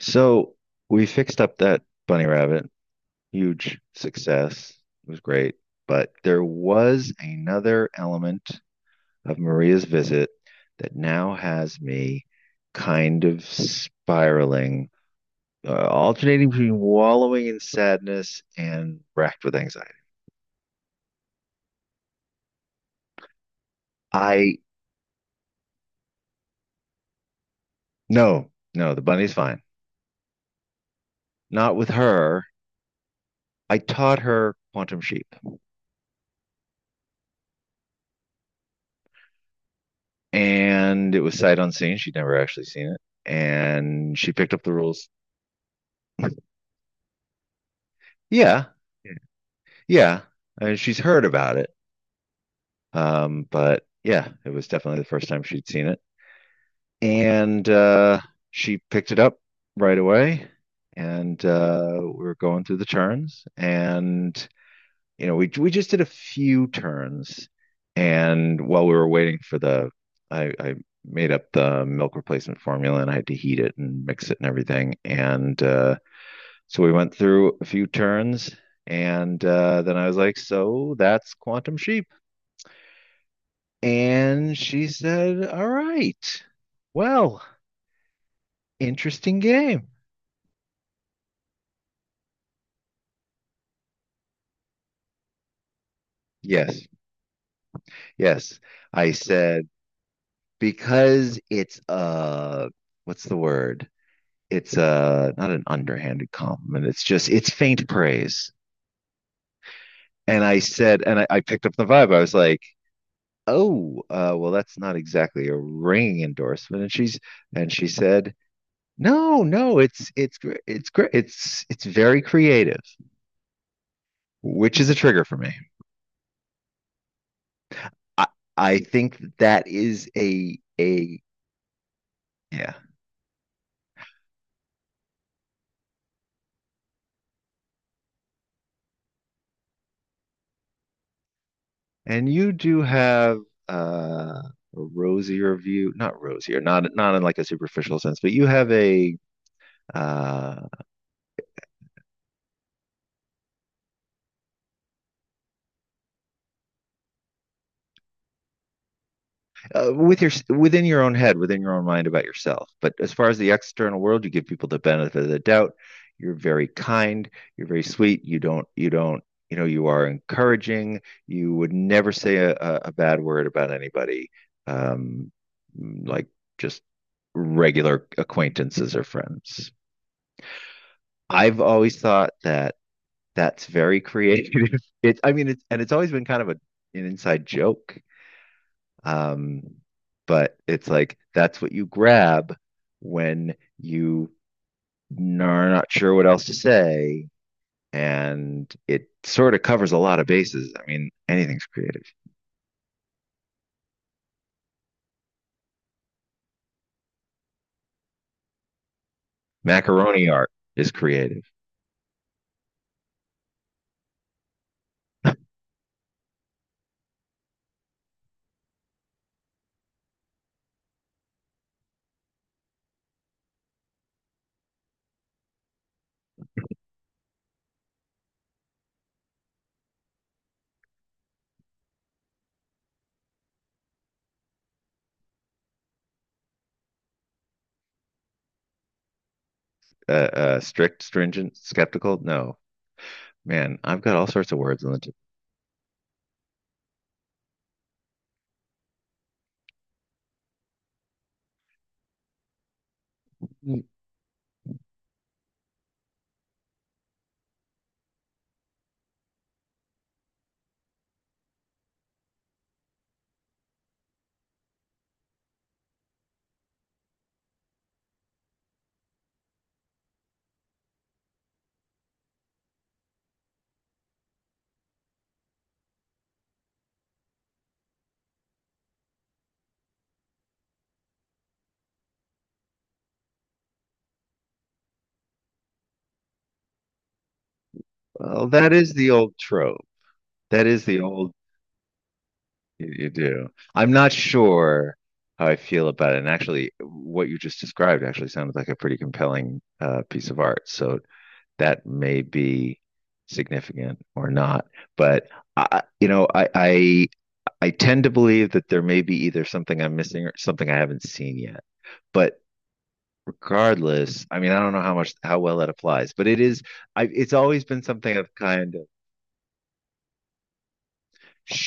So we fixed up that bunny rabbit. Huge success. It was great. But there was another element of Maria's visit that now has me kind of spiraling, alternating between wallowing in sadness and racked with anxiety. I, no, no, the bunny's fine. Not with her. I taught her Quantum Sheep, and it was sight unseen. She'd never actually seen it. And she picked up the rules. Yeah, yeah, yeah. I mean, she's heard about it. But yeah, it was definitely the first time she'd seen it. And she picked it up right away. And we were going through the turns. And, we, just did a few turns. And while we were waiting for the, I made up the milk replacement formula, and I had to heat it and mix it and everything. And So we went through a few turns, and then I was like, "So that's Quantum Sheep." And she said, "All right. Well, interesting game." Yes, yes. I said, because it's a, what's the word? It's a not an underhanded compliment. It's just, it's faint praise. And I said, and I picked up the vibe. I was like, "Oh, well, that's not exactly a ringing endorsement." And she said, no, no, it's great. It's very creative, which is a trigger for me. I I think that is a, a. Yeah. And you do have a rosier view, not rosier, not not in like a superficial sense, but you have a, uh, within your own head, within your own mind about yourself. But as far as the external world, you give people the benefit of the doubt. You're very kind. You're very sweet. You don't. You don't. You know. You are encouraging. You would never say a bad word about anybody. Um, like just regular acquaintances or friends. I've always thought that that's very creative. It's. I mean, it's, and it's always been kind of a an inside joke, um, but it's like that's what you grab when you are not sure what else to say, and it sort of covers a lot of bases. I mean, anything's creative. Macaroni art is creative. Strict, stringent, skeptical. No, man, I've got all sorts of words on the tip. Well, that is the old trope. That is the old. You do. I'm not sure how I feel about it. And actually, what you just described actually sounded like a pretty compelling piece of art. So that may be significant or not. But I, you know, I, I I tend to believe that there may be either something I'm missing or something I haven't seen yet. But regardless, I mean, I don't know how much how well that applies, but it is. I it's always been something I've kind of.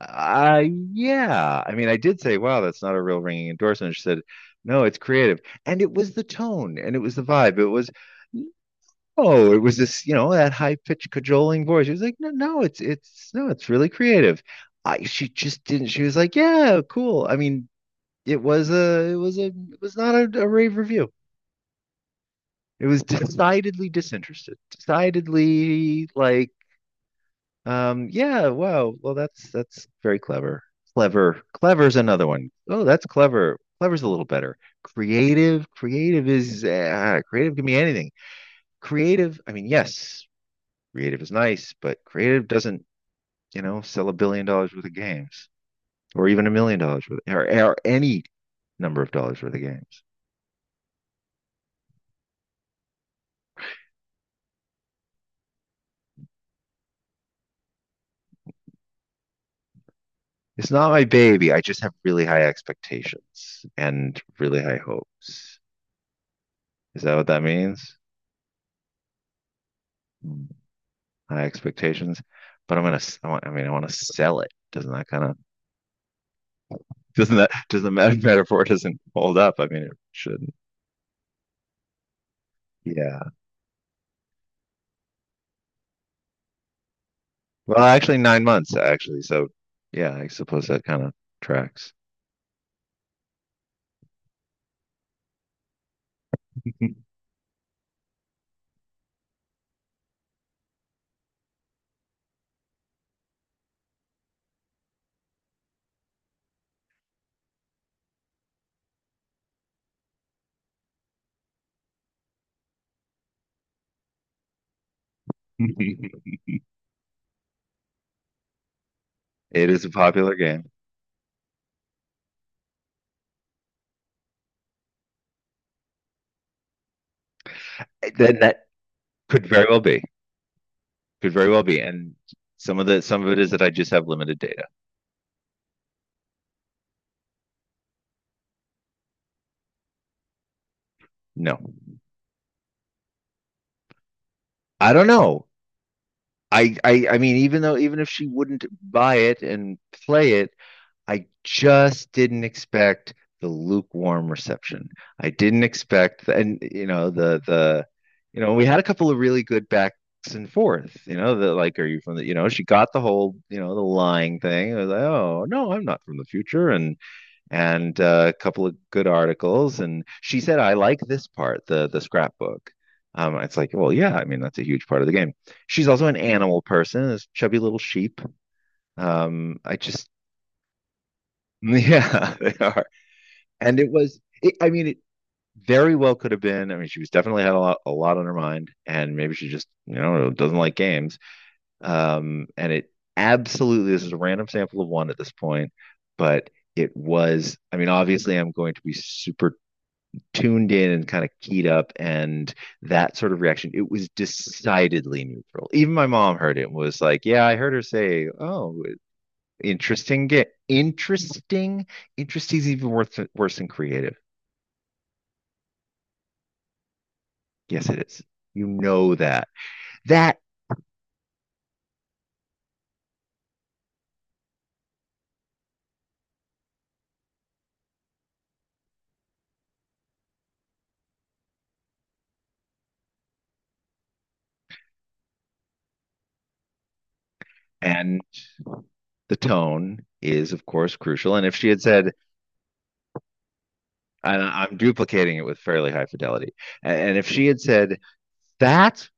Uh, yeah. I mean, I did say, wow, that's not a real ringing endorsement. She said, no, it's creative. And it was the tone and it was the vibe. It was, no, it was this, you know, that high-pitched cajoling voice. She was like, no, no, no, it's really creative. She just didn't, she was like, yeah, cool. I mean, it was not a rave review. It was decidedly disinterested, decidedly like. Yeah, wow. Well, that's very clever. Clever. Clever's another one. Oh, that's clever. Clever's a little better. Creative. Creative is, creative can be anything. Creative, I mean, yes, creative is nice, but creative doesn't, you know, sell $1 billion worth of games, or even $1 million worth, or, any number of dollars worth of games. It's not my baby. I just have really high expectations and really high hopes. Is that what that means? High expectations, but I'm gonna. S- I am going to I want, I mean, I want to sell it. Doesn't that kind of, doesn't that doesn't that metaphor, doesn't hold up? I mean, it shouldn't. Yeah. Well, actually, 9 months actually. So, yeah, I suppose that kind of tracks. It is a popular game. Then that could very well be. Could very well be. And some of it is that I just have limited data. No. I don't know. I mean, even though, even if she wouldn't buy it and play it, I just didn't expect the lukewarm reception. I didn't expect, and you know, you know, we had a couple of really good backs and forth. You know, the, like, are you from the? You know, she got the whole, you know, the lying thing. I was like, oh no, I'm not from the future, and a couple of good articles, and she said, I like this part, the scrapbook. It's like, well, yeah, I mean, that's a huge part of the game. She's also an animal person, this chubby little sheep. I just, yeah, they are. And it was, I mean, it very well could have been. I mean, she was definitely had a lot on her mind, and maybe she just, doesn't like games. And it absolutely, this is a random sample of one at this point. But it was, I mean, obviously I'm going to be super tuned in and kind of keyed up, and that sort of reaction, it was decidedly neutral. Even my mom heard it and was like, yeah, I heard her say, oh, interesting, interesting. Interesting is even worse than creative. Yes, it is. You know that. That and the tone is, of course, crucial. And if she had said, and I'm duplicating it with fairly high fidelity, and if she had said, that's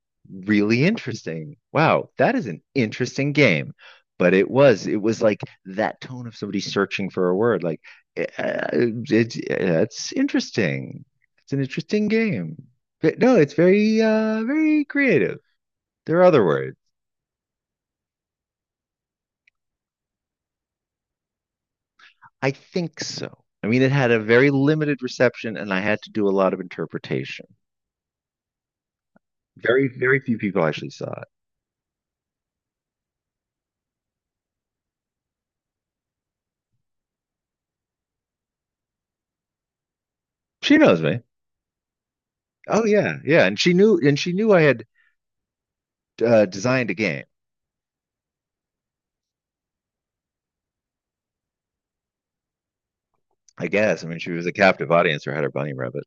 really interesting. Wow, that is an interesting game. But it was like that tone of somebody searching for a word. Like, "Eh, it's interesting. It's an interesting game. But no, it's very, very creative. There are other words. I think so. I mean, it had a very limited reception, and I had to do a lot of interpretation. Very, very few people actually saw it. She knows me. Oh yeah, yeah, and she knew, I had designed a game. I guess. I mean, she was a captive audience, or had her bunny rabbit.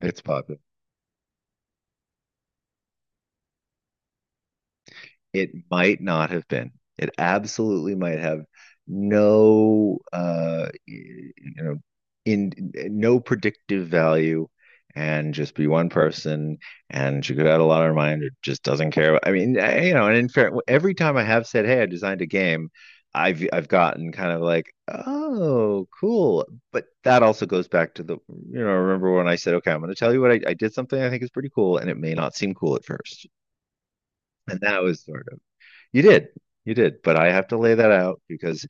It's popular. It might not have been. It absolutely might have no, you know in no predictive value, and just be one person, and she could have had a lot on her mind, or just doesn't care. I mean, and in fair, every time I have said, "Hey, I designed a game," I've gotten kind of like, "Oh, cool." But that also goes back to the, you know, remember when I said, "Okay, I'm going to tell you what I did something I think is pretty cool," and it may not seem cool at first. And that was sort of. You did. You did. But I have to lay that out because,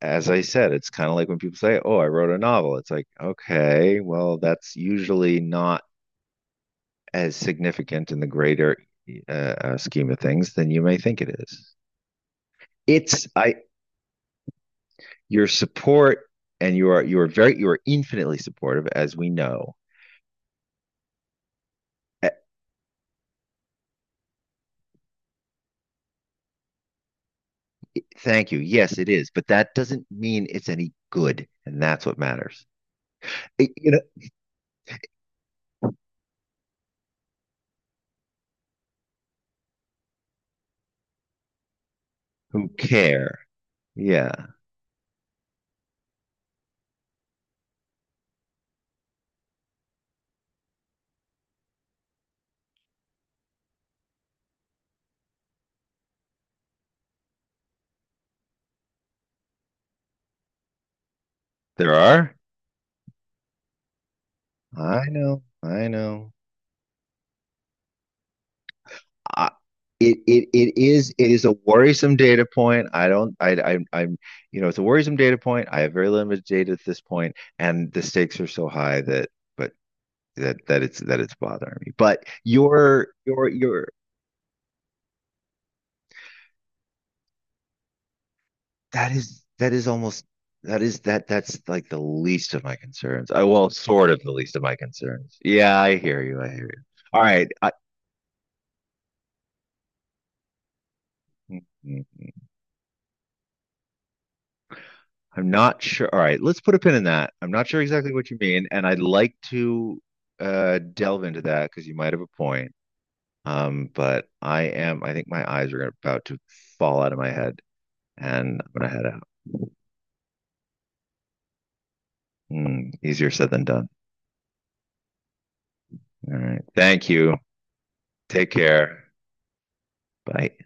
as I said, it's kind of like when people say, oh, I wrote a novel. It's like, okay, well, that's usually not as significant in the greater, scheme of things than you may think it is. It's. I your support. And you are infinitely supportive, as we know. Uh, Thank you. Yes, it is, but that doesn't mean it's any good, and that's what matters. Eh, you know, who care? Yeah, there are. I know. I know. I, it it is a worrisome data point. I don't I I'm it's a worrisome data point. I have very limited data at this point, and the stakes are so high that, but that that it's bothering me. But your that is, almost, that is, that's like the least of my concerns. I, well, sort of the least of my concerns. Yeah, I hear you. I hear you. All right. Mm, mm, mm. I'm not sure. All right, let's put a pin in that. I'm not sure exactly what you mean, and I'd like to delve into that because you might have a point. But I am. I think my eyes are about to fall out of my head, and I'm gonna head out. Hmm, easier said than done. All right. Thank you. Take care. Bye.